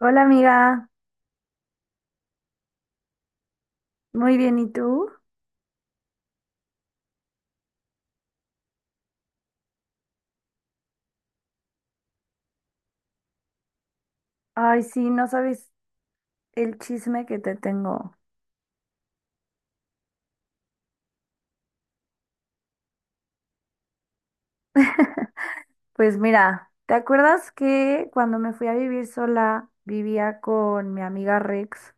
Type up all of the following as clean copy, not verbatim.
Hola amiga, muy bien, ¿y tú? Ay, sí, no sabes el chisme que te tengo. Pues mira, ¿te acuerdas que cuando me fui a vivir sola vivía con mi amiga Rex?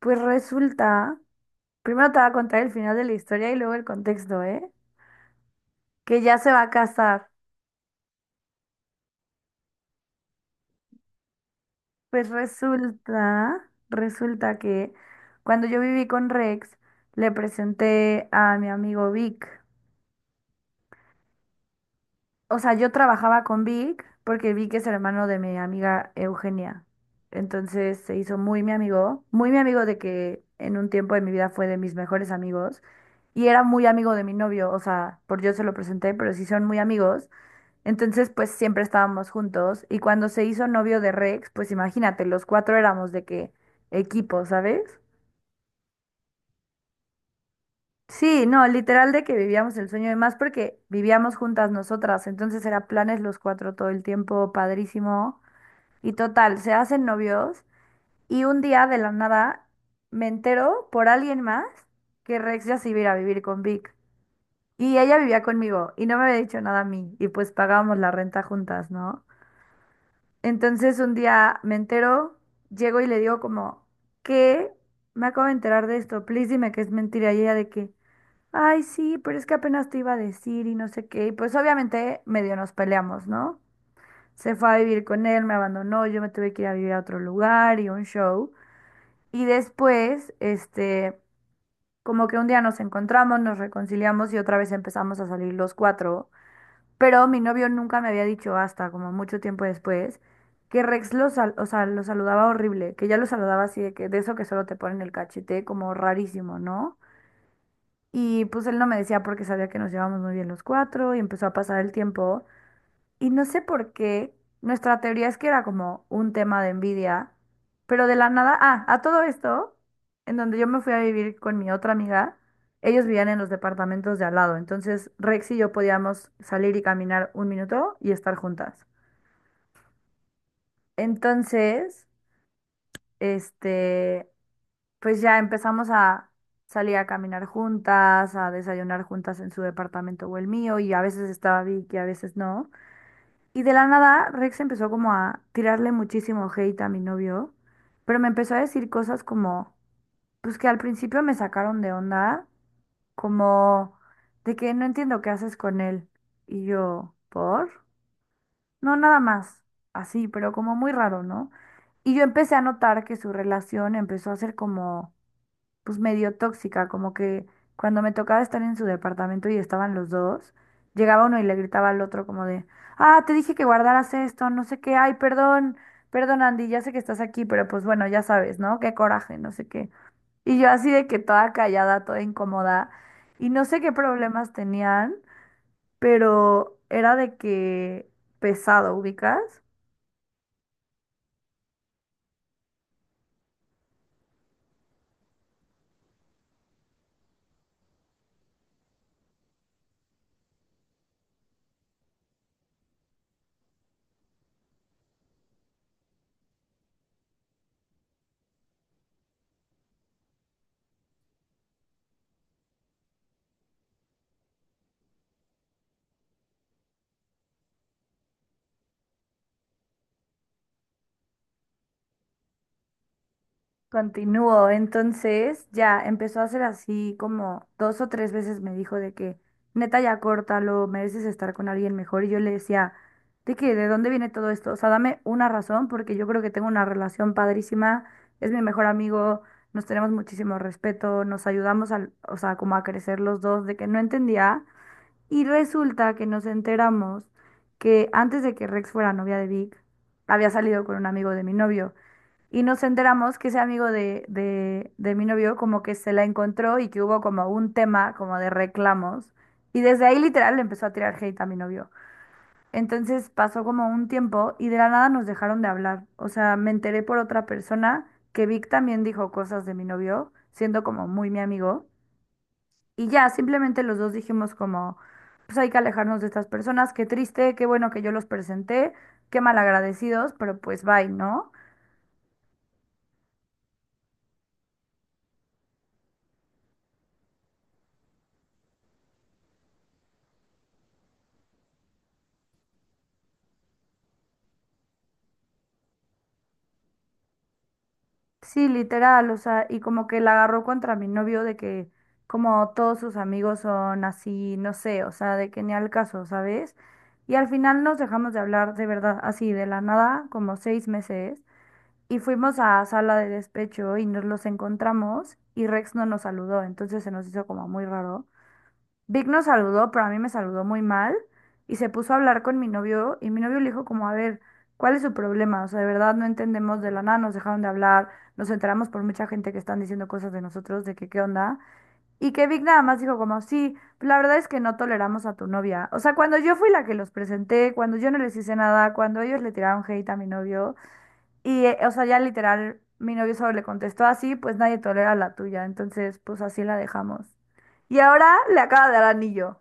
Pues resulta, primero te voy a contar el final de la historia y luego el contexto, ¿eh? Que ya se va a casar. Pues resulta que cuando yo viví con Rex, le presenté a mi amigo Vic. O sea, yo trabajaba con Vic porque Vic es hermano de mi amiga Eugenia. Entonces se hizo muy mi amigo de que en un tiempo de mi vida fue de mis mejores amigos y era muy amigo de mi novio, o sea, por yo se lo presenté, pero sí son muy amigos. Entonces, pues siempre estábamos juntos y cuando se hizo novio de Rex, pues imagínate, los cuatro éramos de qué equipo, ¿sabes? Sí, no, literal de que vivíamos el sueño de más porque vivíamos juntas nosotras, entonces era planes los cuatro todo el tiempo, padrísimo. Y total, se hacen novios y un día de la nada me entero por alguien más que Rex ya se iba a ir a vivir con Vic. Y ella vivía conmigo y no me había dicho nada a mí y pues pagábamos la renta juntas, ¿no? Entonces un día me entero, llego y le digo como, ¿qué? Me acabo de enterar de esto, please dime que es mentira. Y ella de que, ay, sí, pero es que apenas te iba a decir y no sé qué. Y pues obviamente medio nos peleamos, ¿no? Se fue a vivir con él, me abandonó, yo me tuve que ir a vivir a otro lugar y un show. Y después, este, como que un día nos encontramos, nos reconciliamos y otra vez empezamos a salir los cuatro. Pero mi novio nunca me había dicho hasta como mucho tiempo después que o sea, lo saludaba horrible, que ya lo saludaba así de que de eso que solo te ponen el cachete, como rarísimo, ¿no? Y pues él no me decía porque sabía que nos llevábamos muy bien los cuatro y empezó a pasar el tiempo. Y no sé por qué, nuestra teoría es que era como un tema de envidia, pero de la nada, ah, a todo esto, en donde yo me fui a vivir con mi otra amiga, ellos vivían en los departamentos de al lado, entonces Rex y yo podíamos salir y caminar un minuto y estar juntas. Entonces, este, pues ya empezamos a salir a caminar juntas, a desayunar juntas en su departamento o el mío, y a veces estaba Vicky, a veces no. Y de la nada, Rex empezó como a tirarle muchísimo hate a mi novio, pero me empezó a decir cosas como, pues que al principio me sacaron de onda, como de que no entiendo qué haces con él. Y yo, ¿por? No, nada más, así, pero como muy raro, ¿no? Y yo empecé a notar que su relación empezó a ser como pues medio tóxica, como que cuando me tocaba estar en su departamento y estaban los dos, llegaba uno y le gritaba al otro como de, ah, te dije que guardaras esto, no sé qué, ay, perdón, perdón Andy, ya sé que estás aquí, pero pues bueno, ya sabes, ¿no? Qué coraje, no sé qué. Y yo así de que toda callada, toda incómoda, y no sé qué problemas tenían, pero era de que pesado, ¿ubicas? Continuó entonces ya empezó a hacer así como dos o tres veces me dijo de que neta ya córtalo, mereces estar con alguien mejor y yo le decía de que de dónde viene todo esto, o sea, dame una razón porque yo creo que tengo una relación padrísima, es mi mejor amigo, nos tenemos muchísimo respeto, o sea, como a crecer los dos, de que no entendía y resulta que nos enteramos que antes de que Rex fuera novia de Vic, había salido con un amigo de mi novio. Y nos enteramos que ese amigo de mi novio como que se la encontró y que hubo como un tema como de reclamos. Y desde ahí literal le empezó a tirar hate a mi novio. Entonces pasó como un tiempo y de la nada nos dejaron de hablar. O sea, me enteré por otra persona que Vic también dijo cosas de mi novio, siendo como muy mi amigo. Y ya, simplemente los dos dijimos como, pues hay que alejarnos de estas personas, qué triste, qué bueno que yo los presenté, qué malagradecidos, pero pues bye, ¿no? Sí, literal, o sea, y como que la agarró contra mi novio de que como todos sus amigos son así, no sé, o sea, de que ni al caso, ¿sabes? Y al final nos dejamos de hablar de verdad, así de la nada, como seis meses, y fuimos a sala de despecho y nos los encontramos y Rex no nos saludó, entonces se nos hizo como muy raro. Vic nos saludó, pero a mí me saludó muy mal y se puso a hablar con mi novio y mi novio le dijo como, a ver, ¿cuál es su problema? O sea, de verdad no entendemos de la nada, nos dejaron de hablar, nos enteramos por mucha gente que están diciendo cosas de nosotros, de que qué onda. Y que Vic nada más dijo como, sí, la verdad es que no toleramos a tu novia. O sea, cuando yo fui la que los presenté, cuando yo no les hice nada, cuando ellos le tiraron hate a mi novio y, o sea, ya literal, mi novio solo le contestó así, pues nadie tolera la tuya, entonces pues así la dejamos. Y ahora le acaba de dar anillo.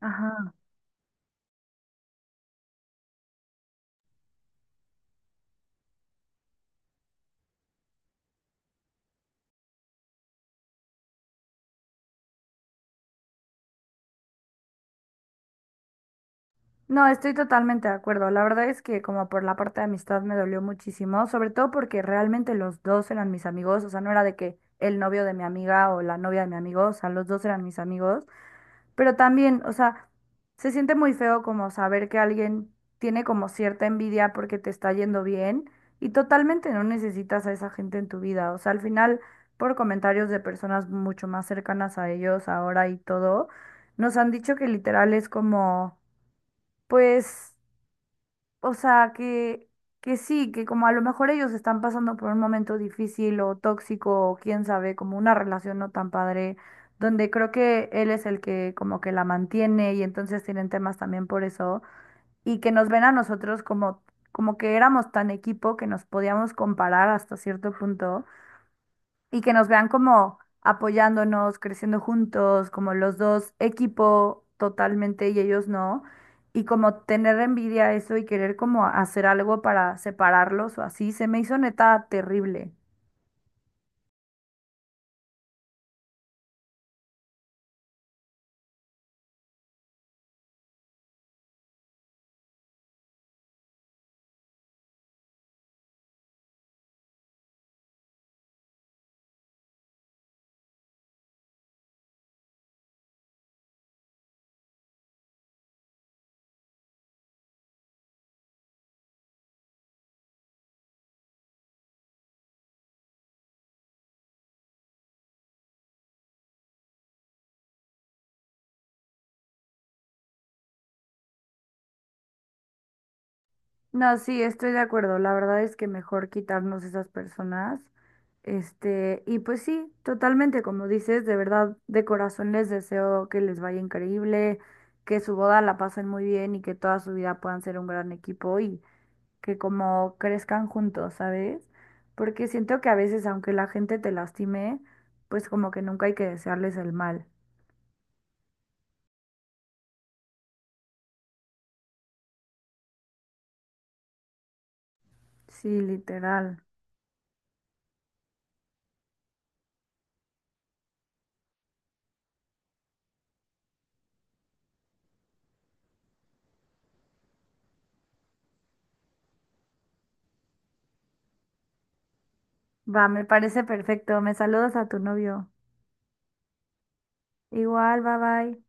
Ajá. No, estoy totalmente de acuerdo. La verdad es que como por la parte de amistad me dolió muchísimo, sobre todo porque realmente los dos eran mis amigos, o sea, no era de que el novio de mi amiga o la novia de mi amigo, o sea, los dos eran mis amigos, pero también, o sea, se siente muy feo como saber que alguien tiene como cierta envidia porque te está yendo bien y totalmente no necesitas a esa gente en tu vida, o sea, al final, por comentarios de personas mucho más cercanas a ellos ahora y todo, nos han dicho que literal es como... pues, o sea, que sí, que como a lo mejor ellos están pasando por un momento difícil o tóxico, o quién sabe, como una relación no tan padre, donde creo que él es el que como que la mantiene y entonces tienen temas también por eso, y que nos ven a nosotros como, como que éramos tan equipo que nos podíamos comparar hasta cierto punto y que nos vean como apoyándonos, creciendo juntos, como los dos equipo totalmente y ellos no, y como tener envidia a eso y querer como hacer algo para separarlos o así, se me hizo neta terrible. No, sí, estoy de acuerdo. La verdad es que mejor quitarnos esas personas. Este, y pues sí, totalmente, como dices, de verdad, de corazón les deseo que les vaya increíble, que su boda la pasen muy bien y que toda su vida puedan ser un gran equipo y que como crezcan juntos, ¿sabes? Porque siento que a veces, aunque la gente te lastime, pues como que nunca hay que desearles el mal. Sí, literal. Va, me parece perfecto. Me saludas a tu novio. Igual, bye bye.